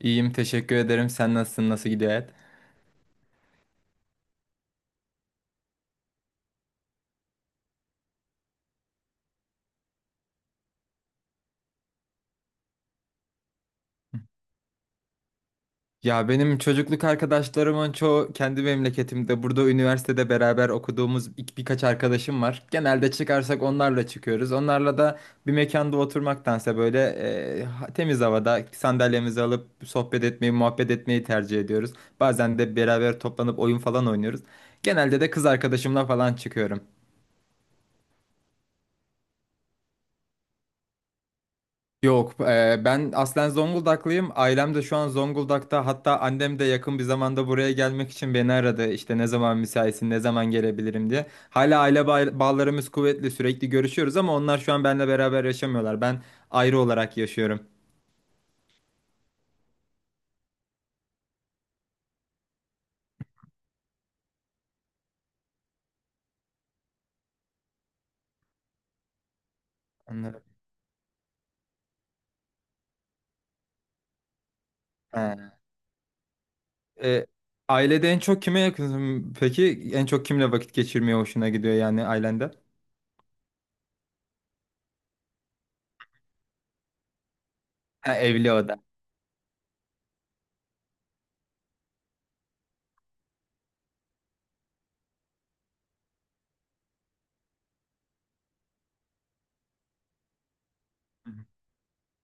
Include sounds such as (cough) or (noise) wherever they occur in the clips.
İyiyim, teşekkür ederim. Sen nasılsın? Nasıl gidiyor hayat? Ya benim çocukluk arkadaşlarımın çoğu kendi memleketimde. Burada üniversitede beraber okuduğumuz ilk birkaç arkadaşım var. Genelde çıkarsak onlarla çıkıyoruz. Onlarla da bir mekanda oturmaktansa böyle temiz havada sandalyemizi alıp sohbet etmeyi, muhabbet etmeyi tercih ediyoruz. Bazen de beraber toplanıp oyun falan oynuyoruz. Genelde de kız arkadaşımla falan çıkıyorum. Yok, ben aslen Zonguldaklıyım. Ailem de şu an Zonguldak'ta. Hatta annem de yakın bir zamanda buraya gelmek için beni aradı. İşte ne zaman müsaitsin, ne zaman gelebilirim diye. Hala aile bağlarımız kuvvetli, sürekli görüşüyoruz ama onlar şu an benimle beraber yaşamıyorlar. Ben ayrı olarak yaşıyorum. Anladım. He. E, Ailede en çok kime yakınsın? Peki en çok kimle vakit geçirmeye hoşuna gidiyor yani ailende? Ha, evli o da.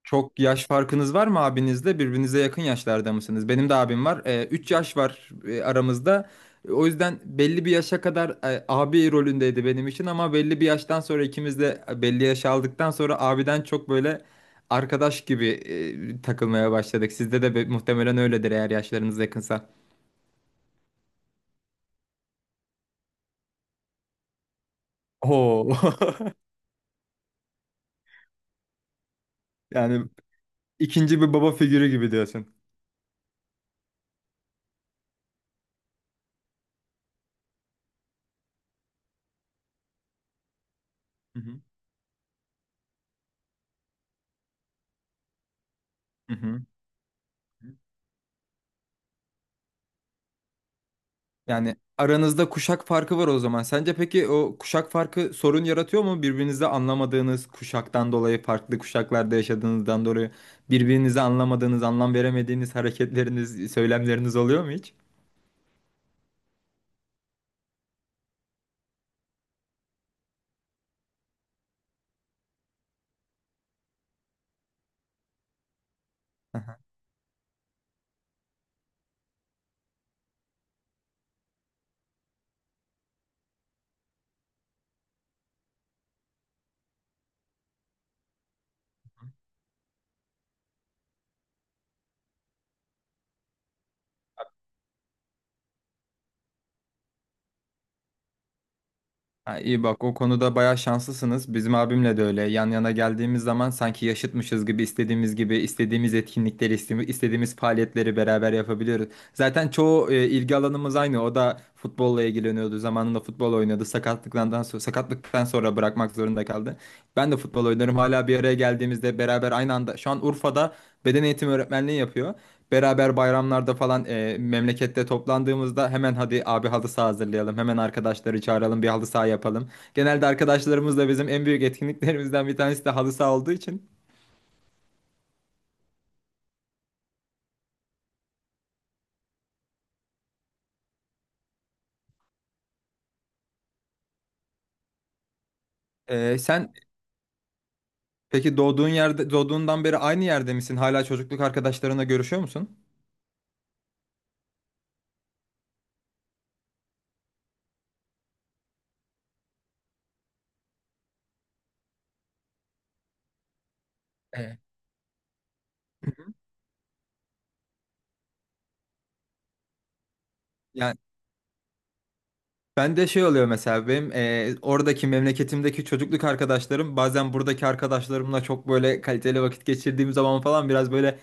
Çok yaş farkınız var mı abinizle? Birbirinize yakın yaşlarda mısınız? Benim de abim var. 3 yaş var aramızda. O yüzden belli bir yaşa kadar abi rolündeydi benim için ama belli bir yaştan sonra ikimiz de belli yaş aldıktan sonra abiden çok böyle arkadaş gibi takılmaya başladık. Sizde de muhtemelen öyledir eğer yaşlarınız yakınsa. Oo. (laughs) Yani ikinci bir baba figürü gibi diyorsun. Hı hı. Hı hı. Yani aranızda kuşak farkı var o zaman. Sence peki o kuşak farkı sorun yaratıyor mu? Birbirinizde anlamadığınız kuşaktan dolayı, farklı kuşaklarda yaşadığınızdan dolayı birbirinizi anlamadığınız, anlam veremediğiniz hareketleriniz, söylemleriniz oluyor mu hiç? Aha. Ha, iyi bak o konuda bayağı şanslısınız. Bizim abimle de öyle. Yan yana geldiğimiz zaman sanki yaşıtmışız gibi istediğimiz gibi istediğimiz etkinlikleri, istediğimiz faaliyetleri beraber yapabiliyoruz. Zaten çoğu ilgi alanımız aynı. O da futbolla ilgileniyordu. Zamanında futbol oynadı. Sakatlıktan sonra bırakmak zorunda kaldı. Ben de futbol oynarım. Hala bir araya geldiğimizde beraber aynı anda şu an Urfa'da beden eğitimi öğretmenliği yapıyor. Beraber bayramlarda falan memlekette toplandığımızda hemen hadi abi halı saha hazırlayalım. Hemen arkadaşları çağıralım bir halı saha yapalım. Genelde arkadaşlarımızla bizim en büyük etkinliklerimizden bir tanesi de halı saha olduğu için. E, sen Peki doğduğun yerde doğduğundan beri aynı yerde misin? Hala çocukluk arkadaşlarına görüşüyor musun? Evet. Yani ben de şey oluyor mesela benim oradaki memleketimdeki çocukluk arkadaşlarım bazen buradaki arkadaşlarımla çok böyle kaliteli vakit geçirdiğim zaman falan biraz böyle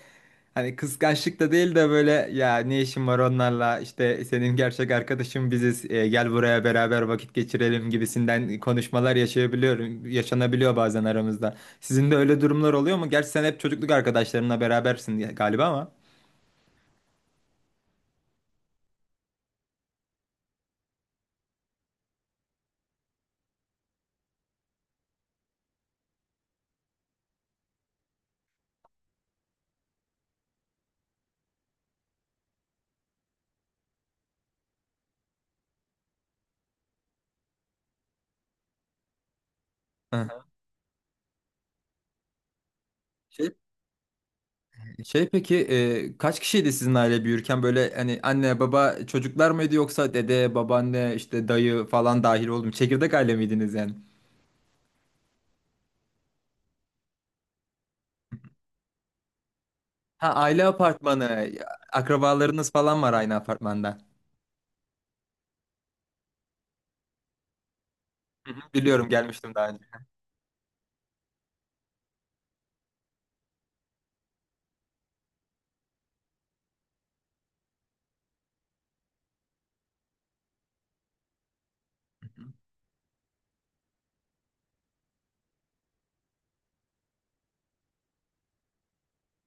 hani kıskançlık da değil de böyle ya ne işin var onlarla işte senin gerçek arkadaşın biziz gel buraya beraber vakit geçirelim gibisinden konuşmalar yaşayabiliyorum yaşanabiliyor bazen aramızda. Sizin de öyle durumlar oluyor mu? Gerçi sen hep çocukluk arkadaşlarınla berabersin galiba ama. Hı. Şey Şey peki kaç kişiydi sizin aile büyürken böyle hani anne baba çocuklar mıydı yoksa dede babaanne işte dayı falan dahil oldu mu? Çekirdek aile miydiniz yani? Ha aile apartmanı akrabalarınız falan var aynı apartmanda. Hı hı, biliyorum gelmiştim daha.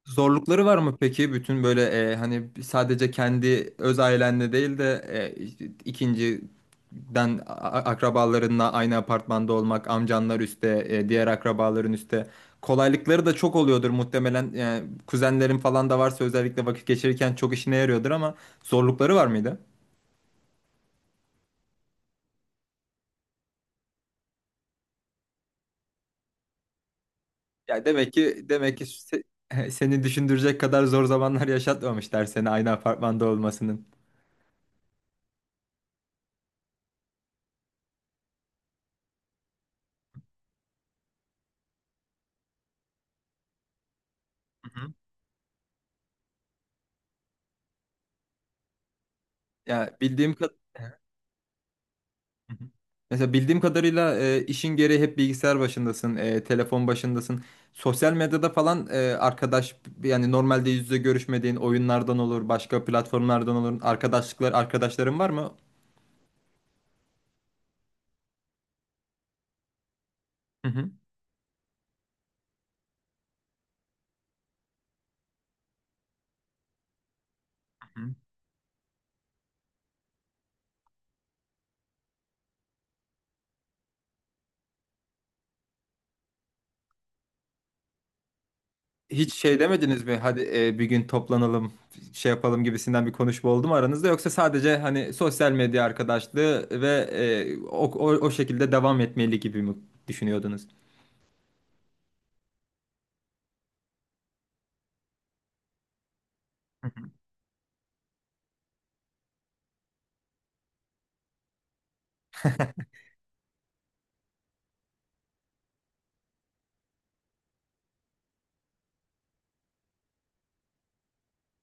Zorlukları var mı peki? Bütün böyle hani sadece kendi öz ailenle değil de işte ikinciden akrabalarınla aynı apartmanda olmak, amcanlar üstte, diğer akrabaların üstte. Kolaylıkları da çok oluyordur muhtemelen. Yani kuzenlerin falan da varsa özellikle vakit geçirirken çok işine yarıyordur ama zorlukları var mıydı? Ya demek ki (laughs) seni düşündürecek kadar zor zamanlar yaşatmamışlar seni aynı apartmanda olmasının. Hı hı. Ya bildiğim kadar. Hı hı. Mesela bildiğim kadarıyla işin gereği hep bilgisayar başındasın, telefon başındasın. Sosyal medyada falan arkadaş yani normalde yüz yüze görüşmediğin oyunlardan olur, başka platformlardan olur. Arkadaşlıklar, arkadaşların var mı? Hı hı. Hı hı. Hiç şey demediniz mi? Hadi bir gün toplanalım, şey yapalım gibisinden bir konuşma oldu mu aranızda? Yoksa sadece hani sosyal medya arkadaşlığı ve o şekilde devam etmeli gibi mi düşünüyordunuz?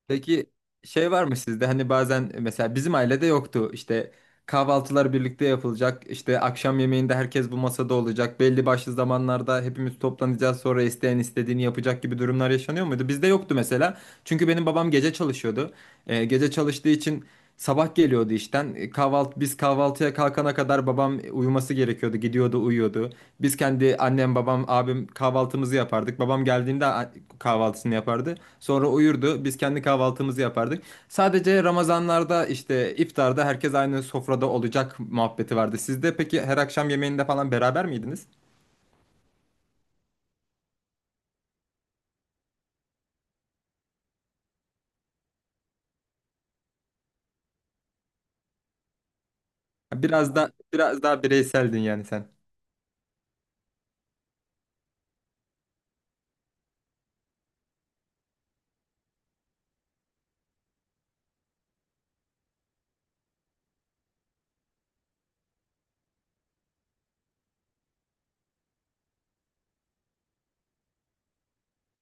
Peki şey var mı sizde hani bazen mesela bizim ailede yoktu işte kahvaltılar birlikte yapılacak işte akşam yemeğinde herkes bu masada olacak belli başlı zamanlarda hepimiz toplanacağız sonra isteyen istediğini yapacak gibi durumlar yaşanıyor muydu? Bizde yoktu mesela çünkü benim babam gece çalışıyordu. Gece çalıştığı için sabah geliyordu işten. Kahvaltı, biz kahvaltıya kalkana kadar babam uyuması gerekiyordu. Gidiyordu, uyuyordu. Biz kendi annem, babam, abim kahvaltımızı yapardık. Babam geldiğinde kahvaltısını yapardı. Sonra uyurdu. Biz kendi kahvaltımızı yapardık. Sadece Ramazanlarda işte iftarda herkes aynı sofrada olacak muhabbeti vardı. Sizde peki her akşam yemeğinde falan beraber miydiniz? Biraz daha bireyseldin yani sen.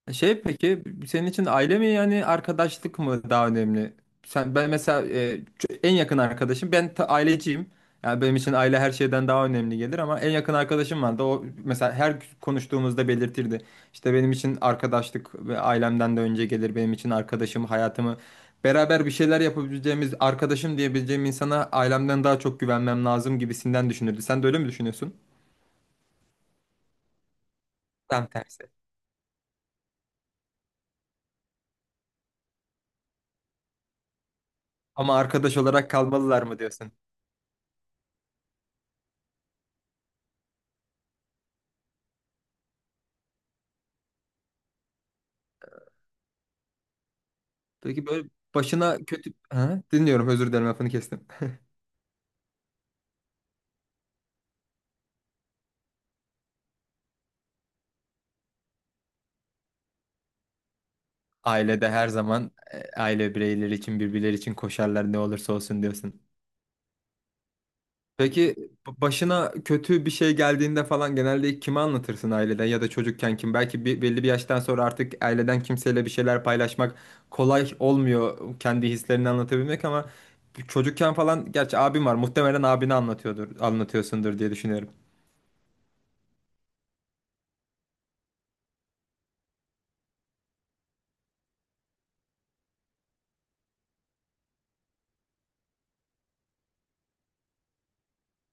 Peki senin için aile mi yani arkadaşlık mı daha önemli? Sen ben mesela en yakın arkadaşım ben aileciyim. Yani benim için aile her şeyden daha önemli gelir ama en yakın arkadaşım vardı. O mesela her konuştuğumuzda belirtirdi. İşte benim için arkadaşlık ve ailemden de önce gelir. Benim için arkadaşım hayatımı beraber bir şeyler yapabileceğimiz arkadaşım diyebileceğim insana ailemden daha çok güvenmem lazım gibisinden düşünürdü. Sen de öyle mi düşünüyorsun? Tam tersi. Ama arkadaş olarak kalmalılar mı diyorsun? Peki böyle başına kötü... Ha, dinliyorum özür dilerim lafını kestim. Ailede her zaman aile bireyleri için birbirleri için koşarlar ne olursa olsun diyorsun. Peki başına kötü bir şey geldiğinde falan genelde kime anlatırsın aileden ya da çocukken kim? Belki bir, belli bir yaştan sonra artık aileden kimseyle bir şeyler paylaşmak kolay olmuyor kendi hislerini anlatabilmek ama çocukken falan gerçi abim var muhtemelen abine anlatıyordur anlatıyorsundur diye düşünüyorum.